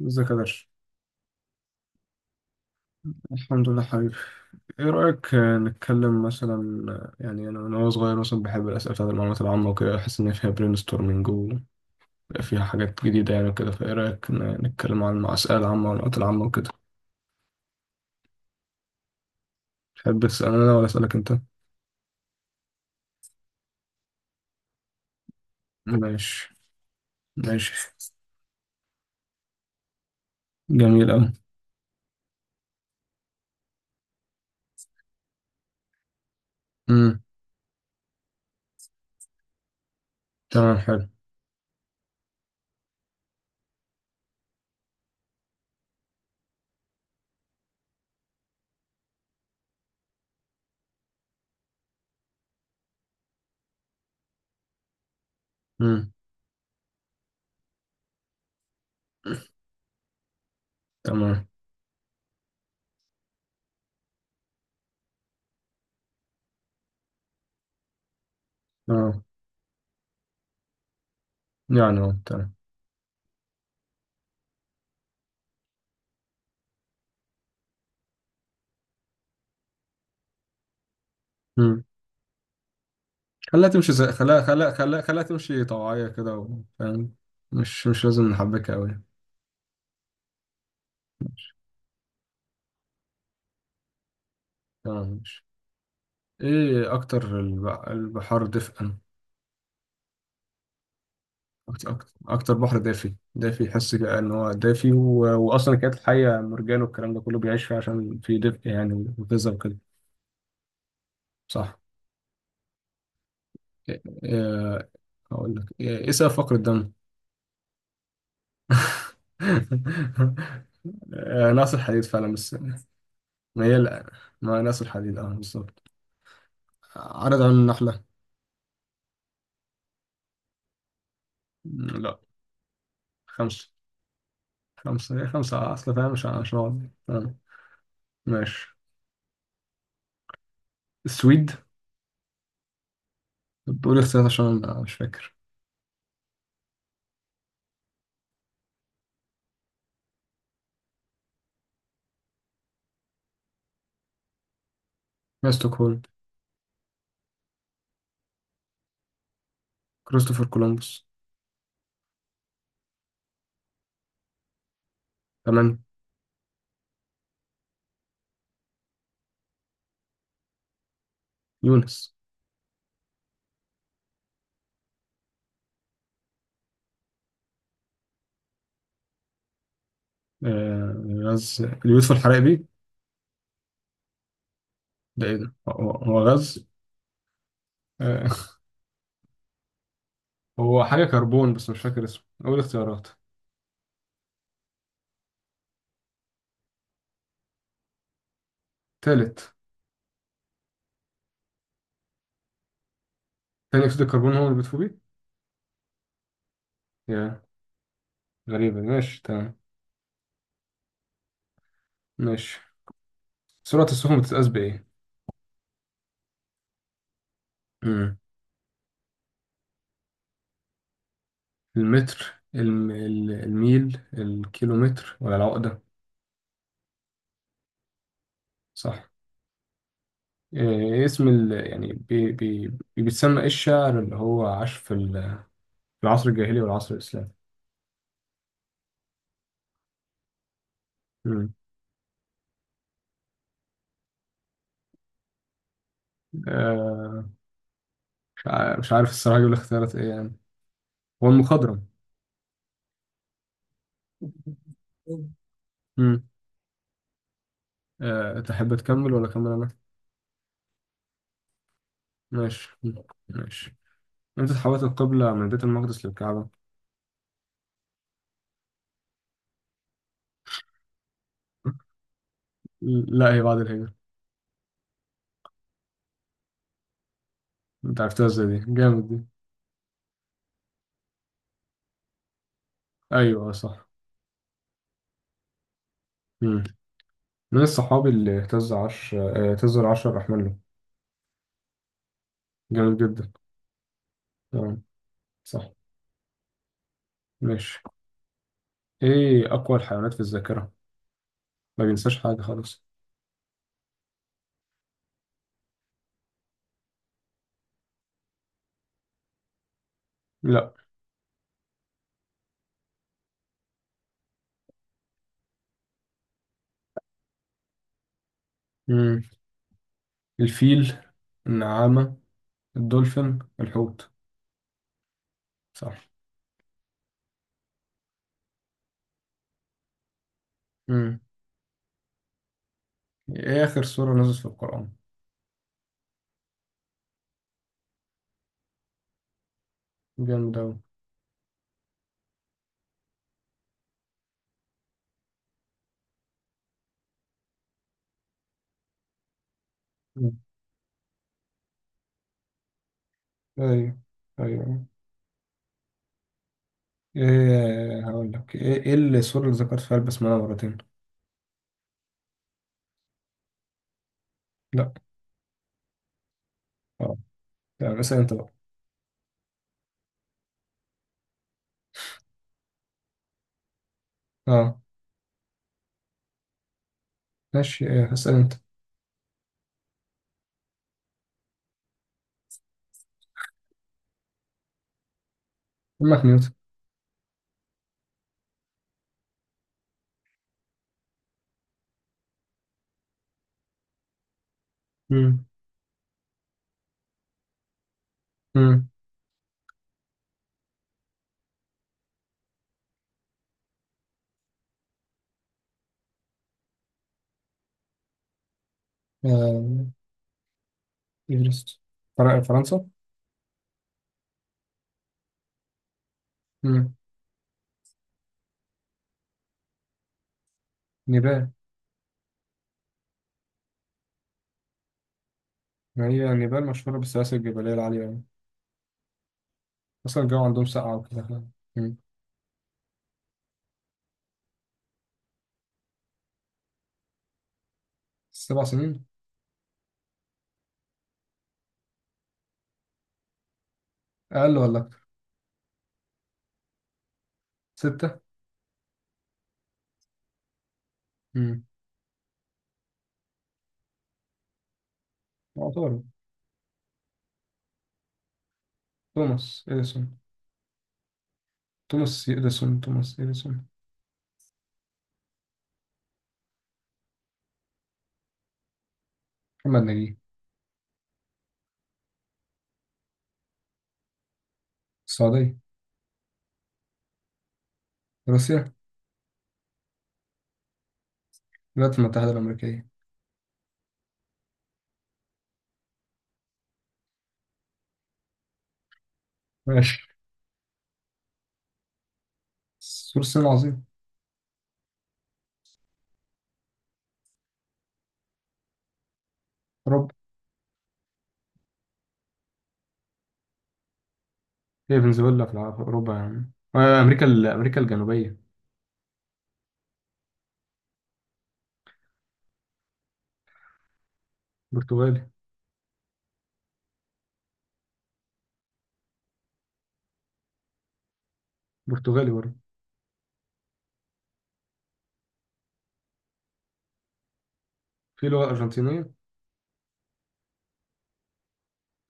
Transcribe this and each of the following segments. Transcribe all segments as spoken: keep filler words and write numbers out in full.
ازيك يا درش؟ الحمد لله حبيبي. ايه رأيك آه، نتكلم مثلا. آه، يعني انا من وانا صغير مثلا بحب الأسئلة بتاعت المعلومات العامة وكده احس ان فيها برين ستورمنج، وفيها حاجات جديدة يعني وكده فايه رأيك ن- نتكلم عن الأسئلة العامة والمعلومات العامة وكده. تحب تسأل انا ولا أسألك انت؟ ماشي. ماشي. جميل أوي. امم تمام حلو. امم تمام. تمام. يعني اه تمام. امم خليها تمشي زي خليها خليها خليها خليها تمشي طوعية كده و- فاهم. مش مش لازم نحبكها أوي. تمام ماشي. ايه اكتر الب- البحار دفئا؟ اكتر اكتر أكتر بحر دافي دافي يحس كده ان هو دافي و... واصلا كانت الحية مرجان والكلام ده كله بيعيش فيه عشان في دفء يعني وغذاء وكده. صح. إيه... إيه... اقول لك ايه إيه سبب فقر الدم؟ آه، ناقص الحديد فعلا بس. ما هي لا. ما ناقص الحديد اه بالظبط. عدد عيون النحلة؟ م، لا. خمسة. خمسة إيه خمسة أصل فاهم مش عشان. ماشي. السويد. بقول اختيارات عشان أنا مش فاكر. ما ستوكهولم. كريستوفر كولومبوس. تمام. يونس. آه. غاز اليوسف الحرائبي. ده ايه ده هو هو غاز. آه. هو حاجة كربون بس مش فاكر اسمه أول اختيارات. تالت. تاني أكسيد الكربون هو اللي بيطفو بيه. يا. غريبة ماشي تمام. ماشي. سرعة السفن بتتقاس بإيه؟ مم. المتر الم... ال- الميل الكيلومتر ولا العقدة؟ صح. آه اسم ال... يعني بي... بي... بيتسمى إيه الشاعر اللي هو عاش في ال- في العصر الجاهلي والعصر الإسلامي؟ آه، مش عارف مش عارف الصراحة أجيب الاختيارات إيه يعني. هو المخضرم. مم. أه تحب تكمل ولا أكمل أنا؟ ماشي مم. ماشي. إمتى اتحولت القبلة من بيت المقدس للكعبة؟ لا هي بعد الهجرة. أنت عرفتها إزاي دي؟ جامد دي. أيوه آه، صح. مم. من الصحابي اللي اهتز عرش آه، اهتز العرش الرحمن له؟ جامد جدا. تمام. صح. ماشي. إيه أقوى الحيوانات في الذاكرة؟ ما بينساش حاجة خالص. لا. مم. الفيل. النعامة. الدولفين الحوت. صح. امم ايه اخر سورة نزلت في القرآن؟ جامد اوي. مم. ايوه. ايوه. ايه هقول لك ايه ايه السورة اللي ذكرت فيها البسملة مرتين؟ لا. اه. يعني اسأل انت بقى. اه. ماشي ايه اسأل انت. امك نيوتن. امم امم آه، ايفرست. فر- فرنسا. امم نيبال. ما هي نيبال مشهورة بالسلاسل الجبلية العالية يعني. اصلا الجو عندهم ساقعة وكده. امم سبع سنين. اقل ولا اكتر؟ ستة. امم يعتبر. توماس اديسون. توماس يديسون توماس يديسون. محمد نجيب. السعودية. روسيا. الولايات المتحدة الأمريكية. ماشي. سور الصين العظيم. أوروبا. هي فنزويلا في الع- في أوروبا يعني آه، أمريكا ال- أمريكا الجنوبية. برتغالي. برتغالي برضه. في لغة أرجنتينية.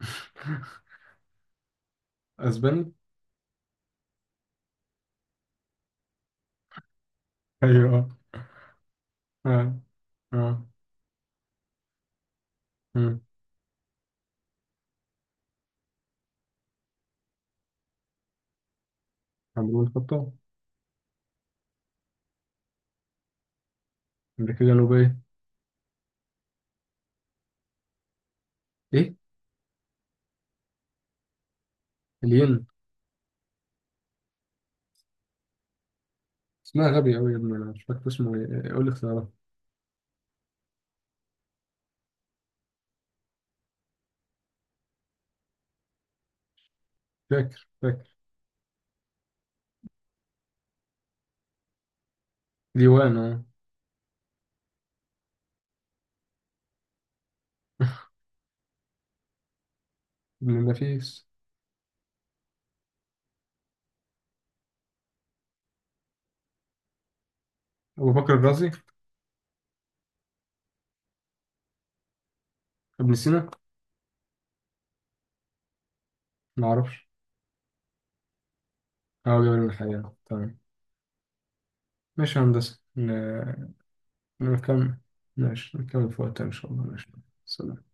أسباني. أيوه آه. اه. امم عمرو الخطاب. امريكا الجنوبيه. ايه. الين. اسمها غبي قوي يا ابني انا مش فاكر اسمه ايه قول لي اختيارات. فاكر فاكر. ديوان اه. ابن النفيس. ابو بكر الرازي. ابن سينا. ما اعرفش. اه جمال من الحياة تمام. ماشي يا هندسة ن- نكمل. ماشي نكمل في وقتها ان شاء الله ماشي. سلام.